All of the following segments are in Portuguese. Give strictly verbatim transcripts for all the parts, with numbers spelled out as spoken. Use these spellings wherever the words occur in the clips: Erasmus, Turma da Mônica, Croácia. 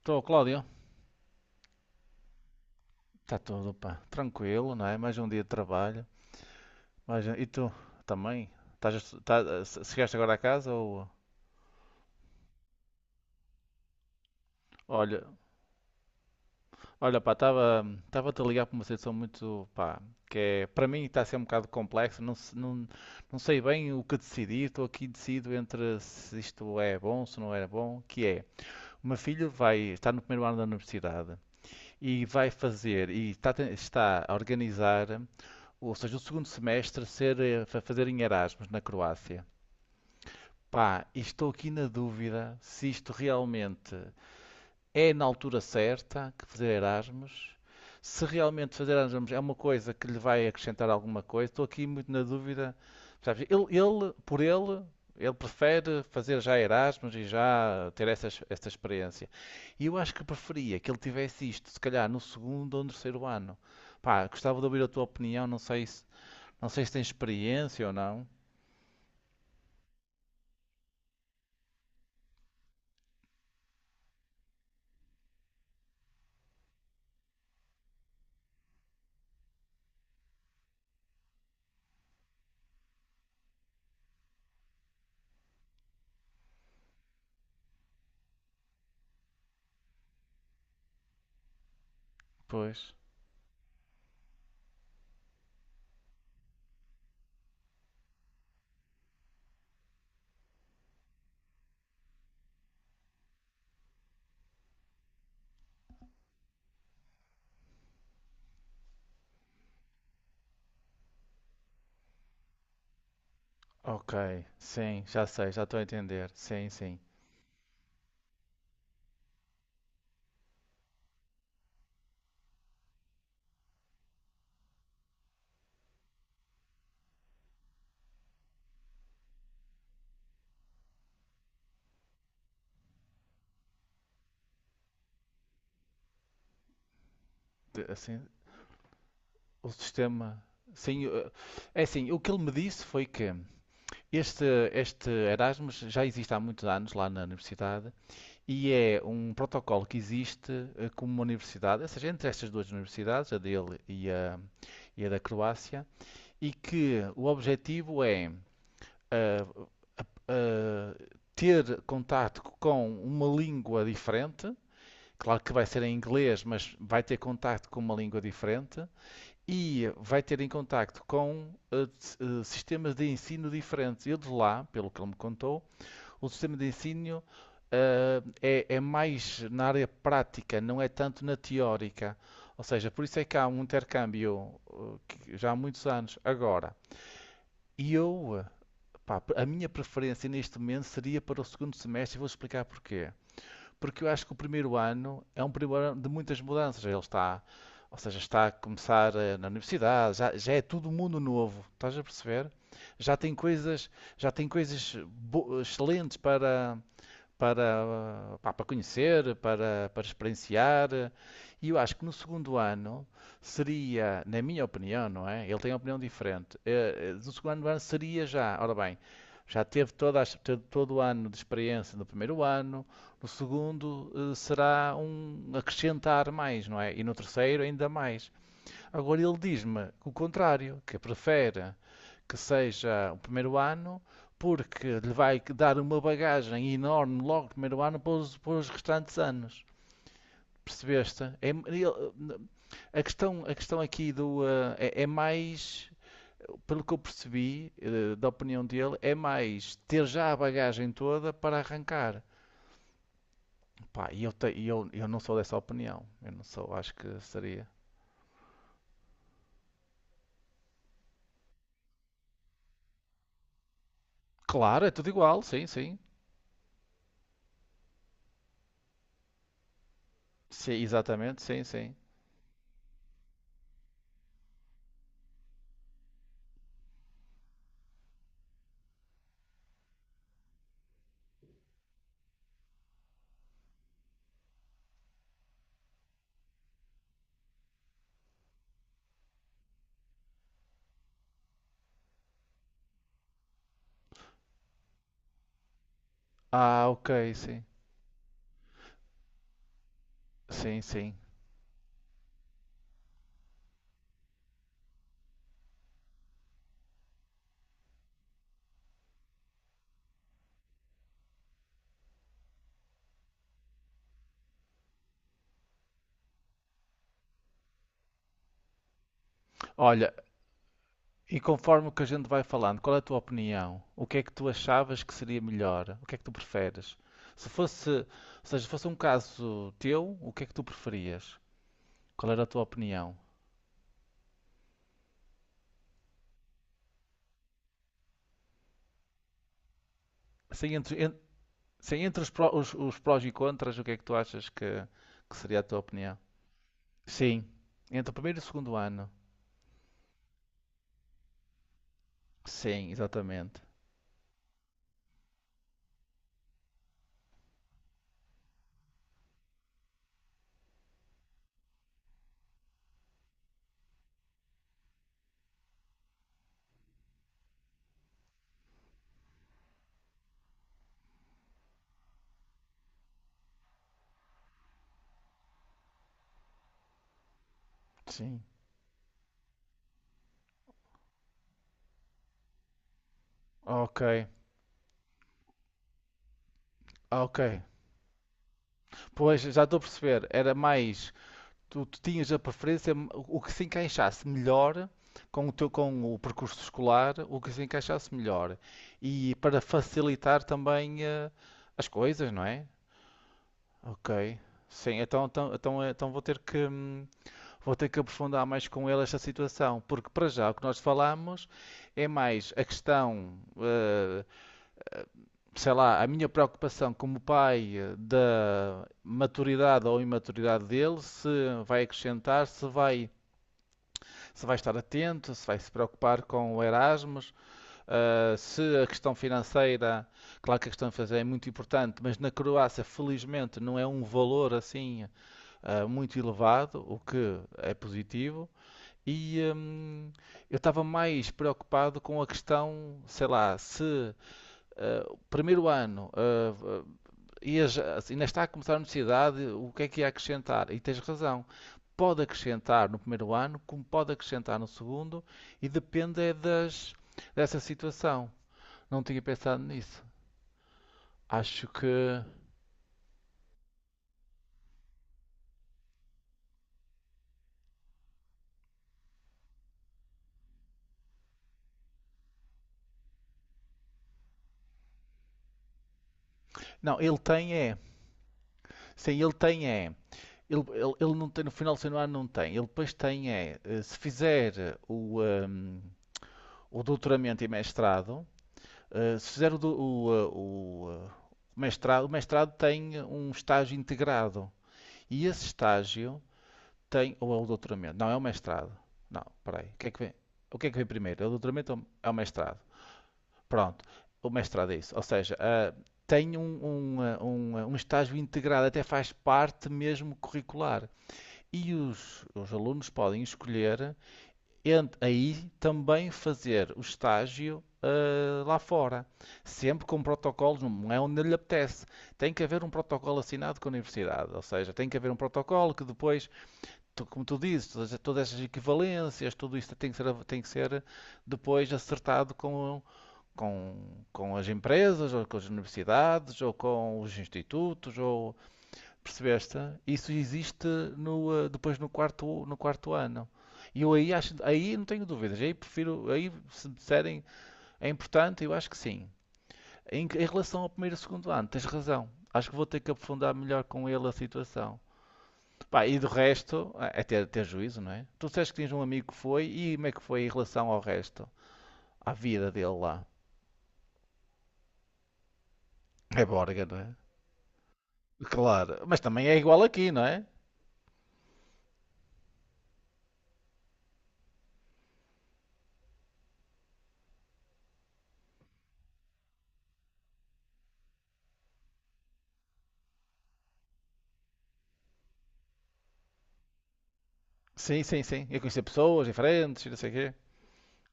Estou, Cláudio. Está tudo, pá. Tranquilo, não é? Mais um dia de trabalho. Mais um- E tu também? Estás a estu- tá- se- Chegaste agora a casa ou. Olha, olha, pá, estava estava-te a ligar para uma situação muito, pá, que é, para mim está a ser um bocado complexo, não, se- não, não sei bem o que decidir, estou aqui decido entre se isto é bom, se não é bom, que é, o meu filho vai, estar no primeiro ano da universidade e vai fazer, e está, a ten- está a organizar ou seja, o segundo semestre ser eh, fa- fazer em Erasmus na Croácia. Pá, e estou aqui na dúvida se isto realmente é na altura certa que fazer Erasmus, se realmente fazer Erasmus é uma coisa que lhe vai acrescentar alguma coisa. Estou aqui muito na dúvida, sabes? Ele, ele, por ele, ele prefere fazer já Erasmus e já ter essa, essa experiência. E eu acho que preferia que ele tivesse isto, se calhar no segundo ou no terceiro ano. Pá, gostava de ouvir a tua opinião, não sei se não sei se tem experiência ou não. Pois. Ok. Sim, já sei, já estou a entender. Sim, sim. De- assim, o sistema. Sim, eh, é assim, o que ele me disse foi que este, este Erasmus já existe há muitos anos lá na universidade e é um protocolo que existe eh, como uma universidade, ou seja, entre estas duas universidades, a dele e a, e a da Croácia, e que o objetivo é a- a ter contacto com uma língua diferente. Claro que vai ser em inglês, mas vai ter contacto com uma língua diferente e vai ter em contacto com eh, s- eh, sistemas de ensino diferentes. Eu de lá, pelo que ele me contou, o sistema de ensino eh, é, é mais na área prática, não é tanto na teórica. Ou seja, por isso é que há um intercâmbio eh, que já há muitos anos agora. E eu eh, Pá, a minha preferência neste momento seria para o segundo semestre e vou explicar porquê. Porque eu acho que o primeiro ano é um primeiro ano de muitas mudanças. Ele está, ou seja, está a começar eh, na universidade, já, já é tudo mundo novo, estás a perceber? Já tem coisas, já tem coisas bo- excelentes para, para, pá, para conhecer, para, para experienciar. E eu acho que no segundo ano seria, na minha opinião, não é? Ele tem uma opinião diferente. Eh, eh, No segundo ano seria já, ora bem, já teve toda a teve todo o ano de experiência no primeiro ano, no segundo eh, será um acrescentar mais, não é? E no terceiro ainda mais. Agora ele diz-me o contrário, que prefere que seja o primeiro ano, porque lhe vai dar uma bagagem enorme logo no primeiro ano para os, para os restantes anos. Percebeste? É- ele- a, questão, a questão aqui do, eh, é, é mais, pelo que eu percebi, eh, da opinião dele, é mais ter já a bagagem toda para arrancar. Pá, e eu, te- eu, eu não sou dessa opinião. Eu não sou, acho que seria. Claro, é tudo igual, sim, sim. Sim, exatamente, sim, sim. Ah, ok, sim. Sim, sim. Olha, e conforme o que a gente vai falando, qual é a tua opinião? O que é que tu achavas que seria melhor? O que é que tu preferes? Se fosse, ou seja, fosse um caso teu, o que é que tu preferias? Qual era a tua opinião? Assim, entre, en- sim, entre os, pró- os- os prós e contras, o que é que tu achas que, que seria a tua opinião? Sim, entre o primeiro e o segundo ano. Sim, exatamente. Sim. Ok, ok. Pois, já estou a perceber. Era mais. tu, tu tinhas a preferência o que se encaixasse melhor com o teu com o percurso escolar, o que se encaixasse melhor e para facilitar também eh, as coisas, não é? Ok. Sim, então, então, então, eh, então vou ter que hum, vou ter que aprofundar mais com ele esta situação, porque para já o que nós falamos é mais a questão, eh, sei lá, a minha preocupação como pai eh, da maturidade ou imaturidade dele, se vai acrescentar, se vai se vai estar atento, se vai se preocupar com o Erasmus, uh, se a questão financeira, claro que a questão financeira é muito importante, mas na Croácia, felizmente, não é um valor assim uh, muito elevado, o que é positivo. E um, eu estava mais preocupado com a questão, sei lá, se uh, o primeiro ano ah, e assim, ainda está a começar a universidade, o que é que ia acrescentar? E tens razão. Pode acrescentar no primeiro ano, como pode acrescentar no segundo, e depende é das, dessa situação. Não tinha pensado nisso. Acho que. Não, ele tem é. Sim, ele tem é. Ele, ele, ele não tem, no final do segundo ano não tem. Ele depois tem é. eh, Se fizer o, ehm, o doutoramento e mestrado, eh, se fizer o, do- o, eh, o, eh, mestrado, o mestrado tem um estágio integrado. E esse estágio tem, ou é o doutoramento? Não, é o mestrado. Não, peraí. O que é que vem? O que é que vem primeiro? É o doutoramento ou é o mestrado? Pronto, o mestrado é isso. Ou seja, ah, tem um, um, ah, um, ah, um estágio integrado, até faz parte mesmo curricular. E os, os alunos podem escolher entre aí também fazer o estágio ah, lá fora. Sempre com protocolos, não é onde lhe apetece. Tem que haver um protocolo assinado com a universidade. Ou seja, tem que haver um protocolo que depois tu- como tu dizes, todas, todas essas equivalências, tudo isto tem que ser, tem que ser depois acertado com, com, com as empresas, ou com as universidades, ou com os institutos, ou percebeste? Isso existe no, eh, depois no quarto, no quarto ano. E eu aí acho, aí não tenho dúvidas, aí prefiro, aí se me disserem é importante, eu acho que sim. Em, em relação ao primeiro e segundo ano, tens razão. Acho que vou ter que aprofundar melhor com ele a situação. Pá, e do resto, é ter, ter juízo, não é? Tu disseste que tinhas um amigo que foi, e como é que foi em relação ao resto? À vida dele lá. É Borga, não é? Claro, mas também é igual aqui, não é? Sim, sim, sim. É conhecer pessoas diferentes, e não sei o quê.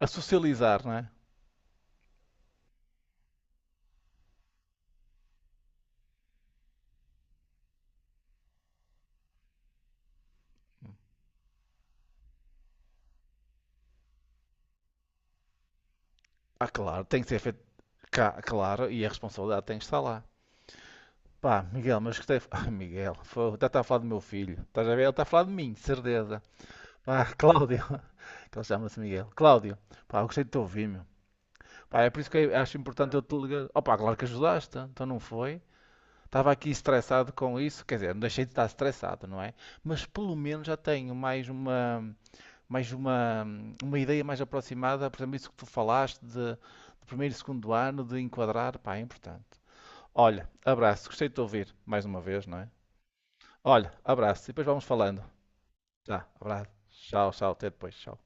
A socializar, não é? Ah, claro, tem que ser feito cá, claro, e a responsabilidade tem que estar lá. Pá, Miguel, mas gostei. Ah, Miguel, foi... já está a falar do meu filho. Estás a ver? Ele está a falar de mim, de certeza. Pá, Cláudio, que ele chama-se Miguel. Cláudio, pá, eu gostei de te ouvir, meu. Pá, é por isso que eu acho importante eu te ligar. Opa, claro que ajudaste, então não foi. Estava aqui estressado com isso, quer dizer, não deixei de estar estressado, não é? Mas pelo menos já tenho mais uma, mais uma, uma ideia mais aproximada, por exemplo, isso que tu falaste de, de primeiro e segundo ano, de enquadrar, pá, é importante. Olha, abraço, gostei de te ouvir mais uma vez, não é? Olha, abraço, e depois vamos falando. Tá, abraço. Tchau, tchau, até depois, tchau.